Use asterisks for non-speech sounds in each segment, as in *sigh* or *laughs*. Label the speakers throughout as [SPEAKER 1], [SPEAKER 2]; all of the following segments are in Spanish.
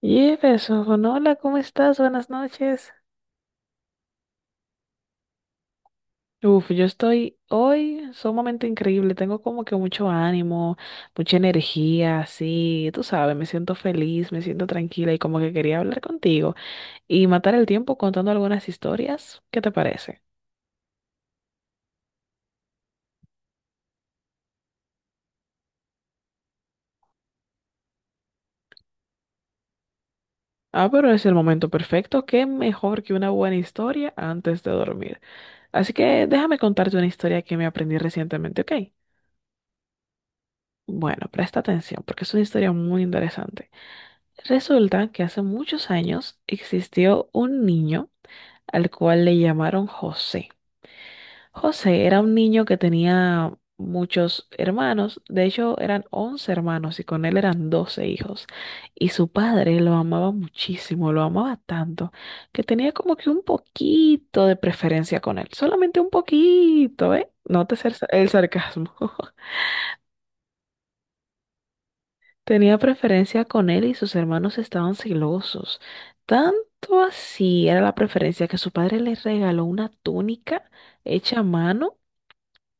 [SPEAKER 1] Jefferson, hola, ¿cómo estás? Buenas noches. Uf, yo estoy hoy sumamente increíble, tengo como que mucho ánimo, mucha energía, sí. Tú sabes, me siento feliz, me siento tranquila y como que quería hablar contigo y matar el tiempo contando algunas historias, ¿qué te parece? Ah, pero es el momento perfecto, qué mejor que una buena historia antes de dormir. Así que déjame contarte una historia que me aprendí recientemente, ¿ok? Bueno, presta atención porque es una historia muy interesante. Resulta que hace muchos años existió un niño al cual le llamaron José. José era un niño que tenía muchos hermanos, de hecho eran 11 hermanos y con él eran 12 hijos. Y su padre lo amaba muchísimo, lo amaba tanto, que tenía como que un poquito de preferencia con él, solamente un poquito, ¿eh? Notes el sarcasmo. *laughs* Tenía preferencia con él y sus hermanos estaban celosos. Tanto así era la preferencia que su padre le regaló una túnica hecha a mano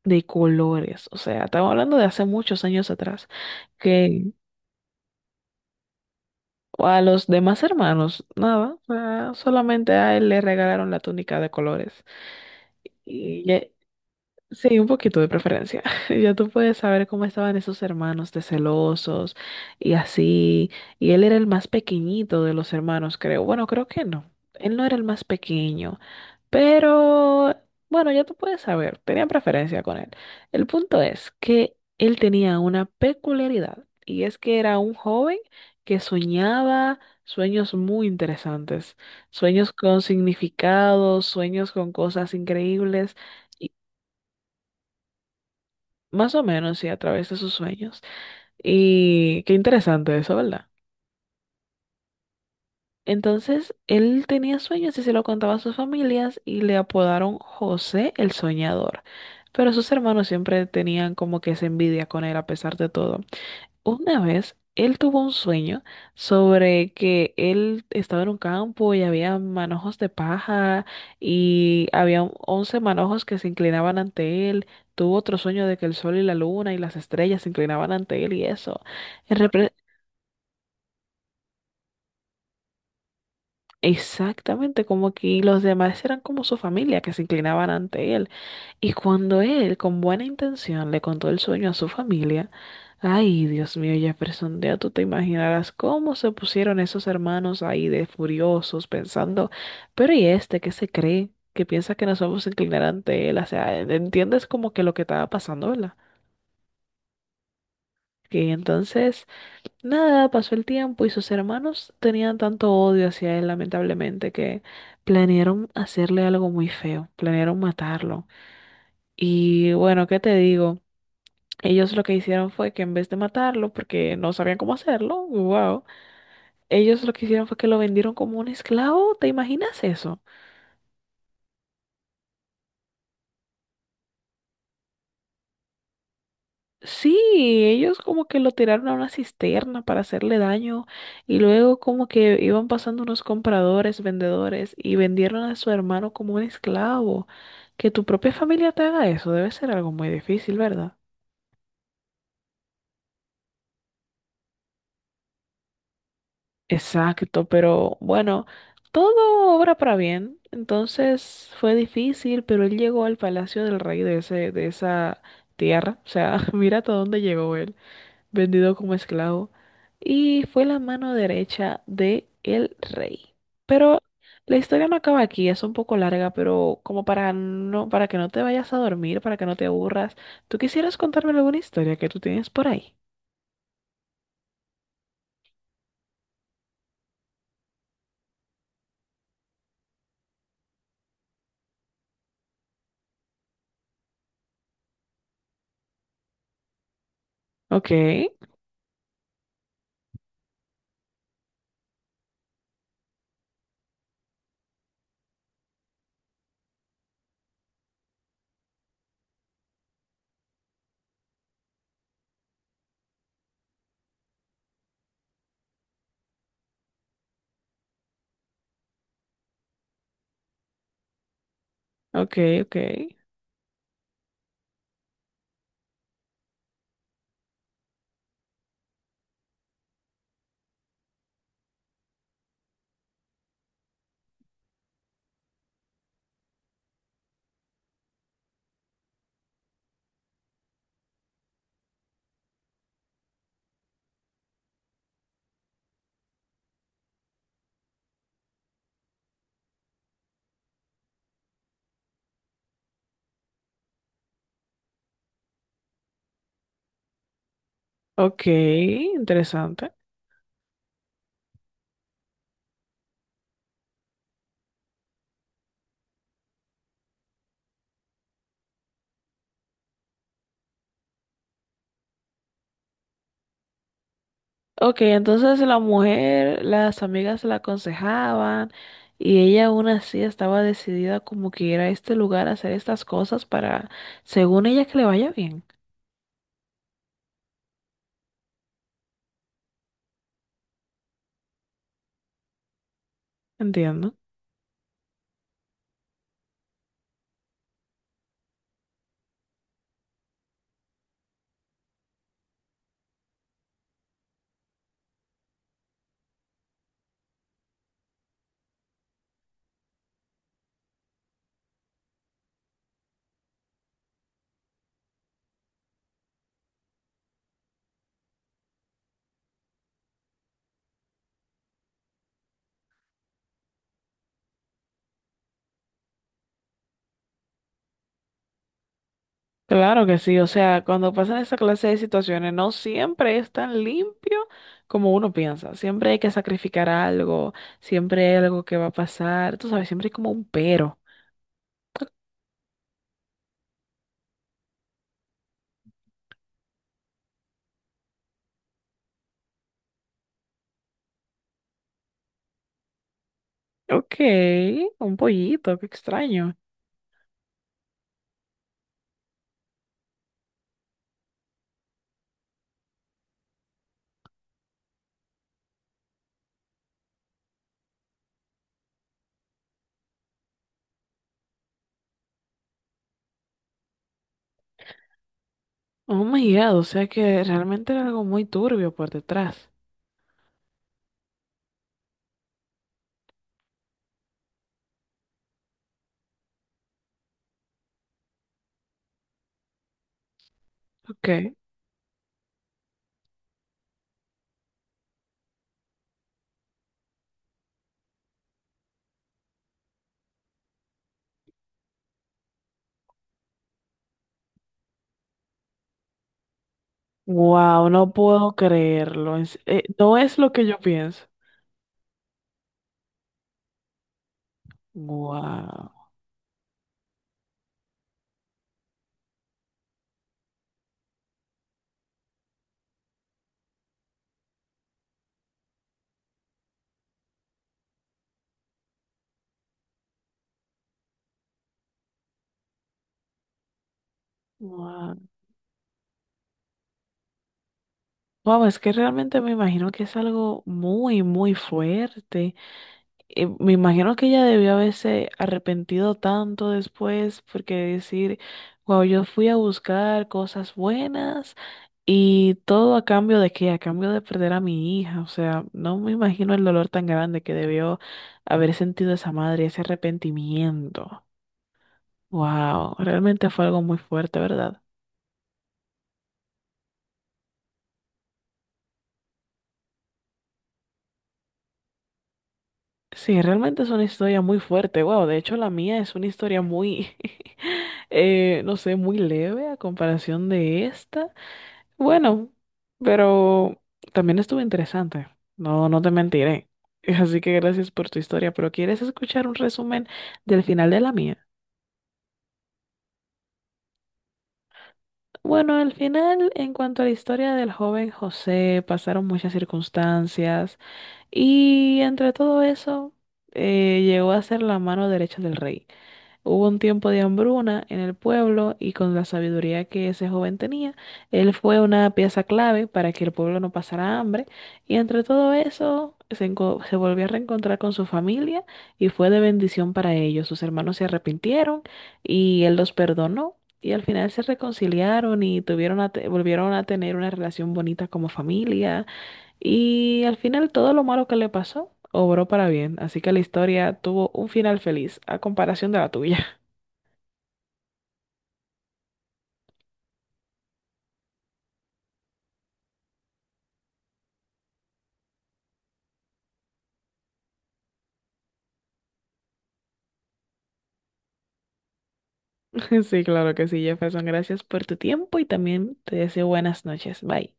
[SPEAKER 1] de colores. O sea, estaba hablando de hace muchos años atrás, que a los demás hermanos, nada, ah, solamente a él le regalaron la túnica de colores. Y, Sí, un poquito de preferencia. *laughs* Ya tú puedes saber cómo estaban esos hermanos de celosos y así. Y él era el más pequeñito de los hermanos, creo. Bueno, creo que no. Él no era el más pequeño, pero bueno, ya tú puedes saber. Tenían preferencia con él. El punto es que él tenía una peculiaridad y es que era un joven que soñaba sueños muy interesantes, sueños con significados, sueños con cosas increíbles. Más o menos, sí, a través de sus sueños. Y qué interesante eso, ¿verdad? Entonces, él tenía sueños y se lo contaba a sus familias y le apodaron José el Soñador. Pero sus hermanos siempre tenían como que esa envidia con él a pesar de todo. Una vez él tuvo un sueño sobre que él estaba en un campo y había manojos de paja y había 11 manojos que se inclinaban ante él. Tuvo otro sueño de que el sol y la luna y las estrellas se inclinaban ante él y eso. En, repre- Exactamente, como que los demás eran como su familia que se inclinaban ante él. Y cuando él, con buena intención, le contó el sueño a su familia, ay, Dios mío, Jefferson, ya tú te imaginarás cómo se pusieron esos hermanos ahí de furiosos, pensando, pero ¿y este qué se cree? Que piensa que nos vamos a inclinar ante él. O sea, entiendes como que lo que estaba pasando, ¿verdad? Y entonces... Nada, pasó el tiempo y sus hermanos tenían tanto odio hacia él, lamentablemente, que planearon hacerle algo muy feo, planearon matarlo. Y bueno, ¿qué te digo? Ellos lo que hicieron fue que en vez de matarlo, porque no sabían cómo hacerlo, wow, ellos lo que hicieron fue que lo vendieron como un esclavo, ¿te imaginas eso? Sí, ellos como que lo tiraron a una cisterna para hacerle daño y luego como que iban pasando unos compradores, vendedores y vendieron a su hermano como un esclavo. Que tu propia familia te haga eso debe ser algo muy difícil, ¿verdad? Exacto, pero bueno, todo obra para bien. Entonces fue difícil, pero él llegó al palacio del rey de esa tierra. O sea, *laughs* mira hasta dónde llegó él. Vendido como esclavo, y fue la mano derecha de el rey. Pero la historia no acaba aquí, es un poco larga, pero como para que no te vayas a dormir, para que no te aburras, ¿tú quisieras contarme alguna historia que tú tienes por ahí? Ok, ok, ok, ok, interesante. Ok, entonces la mujer, las amigas la aconsejaban y ella aún así estaba decidida como que ir a este lugar a hacer estas cosas para, según ella, que le vaya bien. Entiendo. Claro que sí, o sea, cuando pasan esa clase de situaciones, no siempre es tan limpio como uno piensa. Siempre hay que sacrificar algo, siempre hay algo que va a pasar, tú sabes, siempre hay como un pero. Ok, un pollito, qué extraño. Oh my God, o sea que realmente era algo muy turbio por detrás. Ok. Wow, no puedo creerlo. No es lo que yo pienso. Wow. Wow, es que realmente me imagino que es algo muy, muy fuerte. Me imagino que ella debió haberse arrepentido tanto después, porque decir, wow, yo fui a buscar cosas buenas y todo a cambio de qué, a cambio de perder a mi hija. O sea, no me imagino el dolor tan grande que debió haber sentido esa madre, ese arrepentimiento. Wow, realmente fue algo muy fuerte, ¿verdad? Sí, realmente es una historia muy fuerte, wow. De hecho, la mía es una historia muy, *laughs* no sé, muy leve a comparación de esta. Bueno, pero también estuvo interesante. No, no te mentiré. *laughs* Así que gracias por tu historia, pero ¿quieres escuchar un resumen del final de la mía? Bueno, al final, en cuanto a la historia del joven José, pasaron muchas circunstancias y entre todo eso, llegó a ser la mano derecha del rey. Hubo un tiempo de hambruna en el pueblo y con la sabiduría que ese joven tenía, él fue una pieza clave para que el pueblo no pasara hambre y entre todo eso se volvió a reencontrar con su familia y fue de bendición para ellos. Sus hermanos se arrepintieron y él los perdonó y al final se reconciliaron y volvieron a tener una relación bonita como familia y al final todo lo malo que le pasó obró para bien, así que la historia tuvo un final feliz a comparación de la tuya. *laughs* Sí, claro que sí, Jefferson. Gracias por tu tiempo y también te deseo buenas noches. Bye.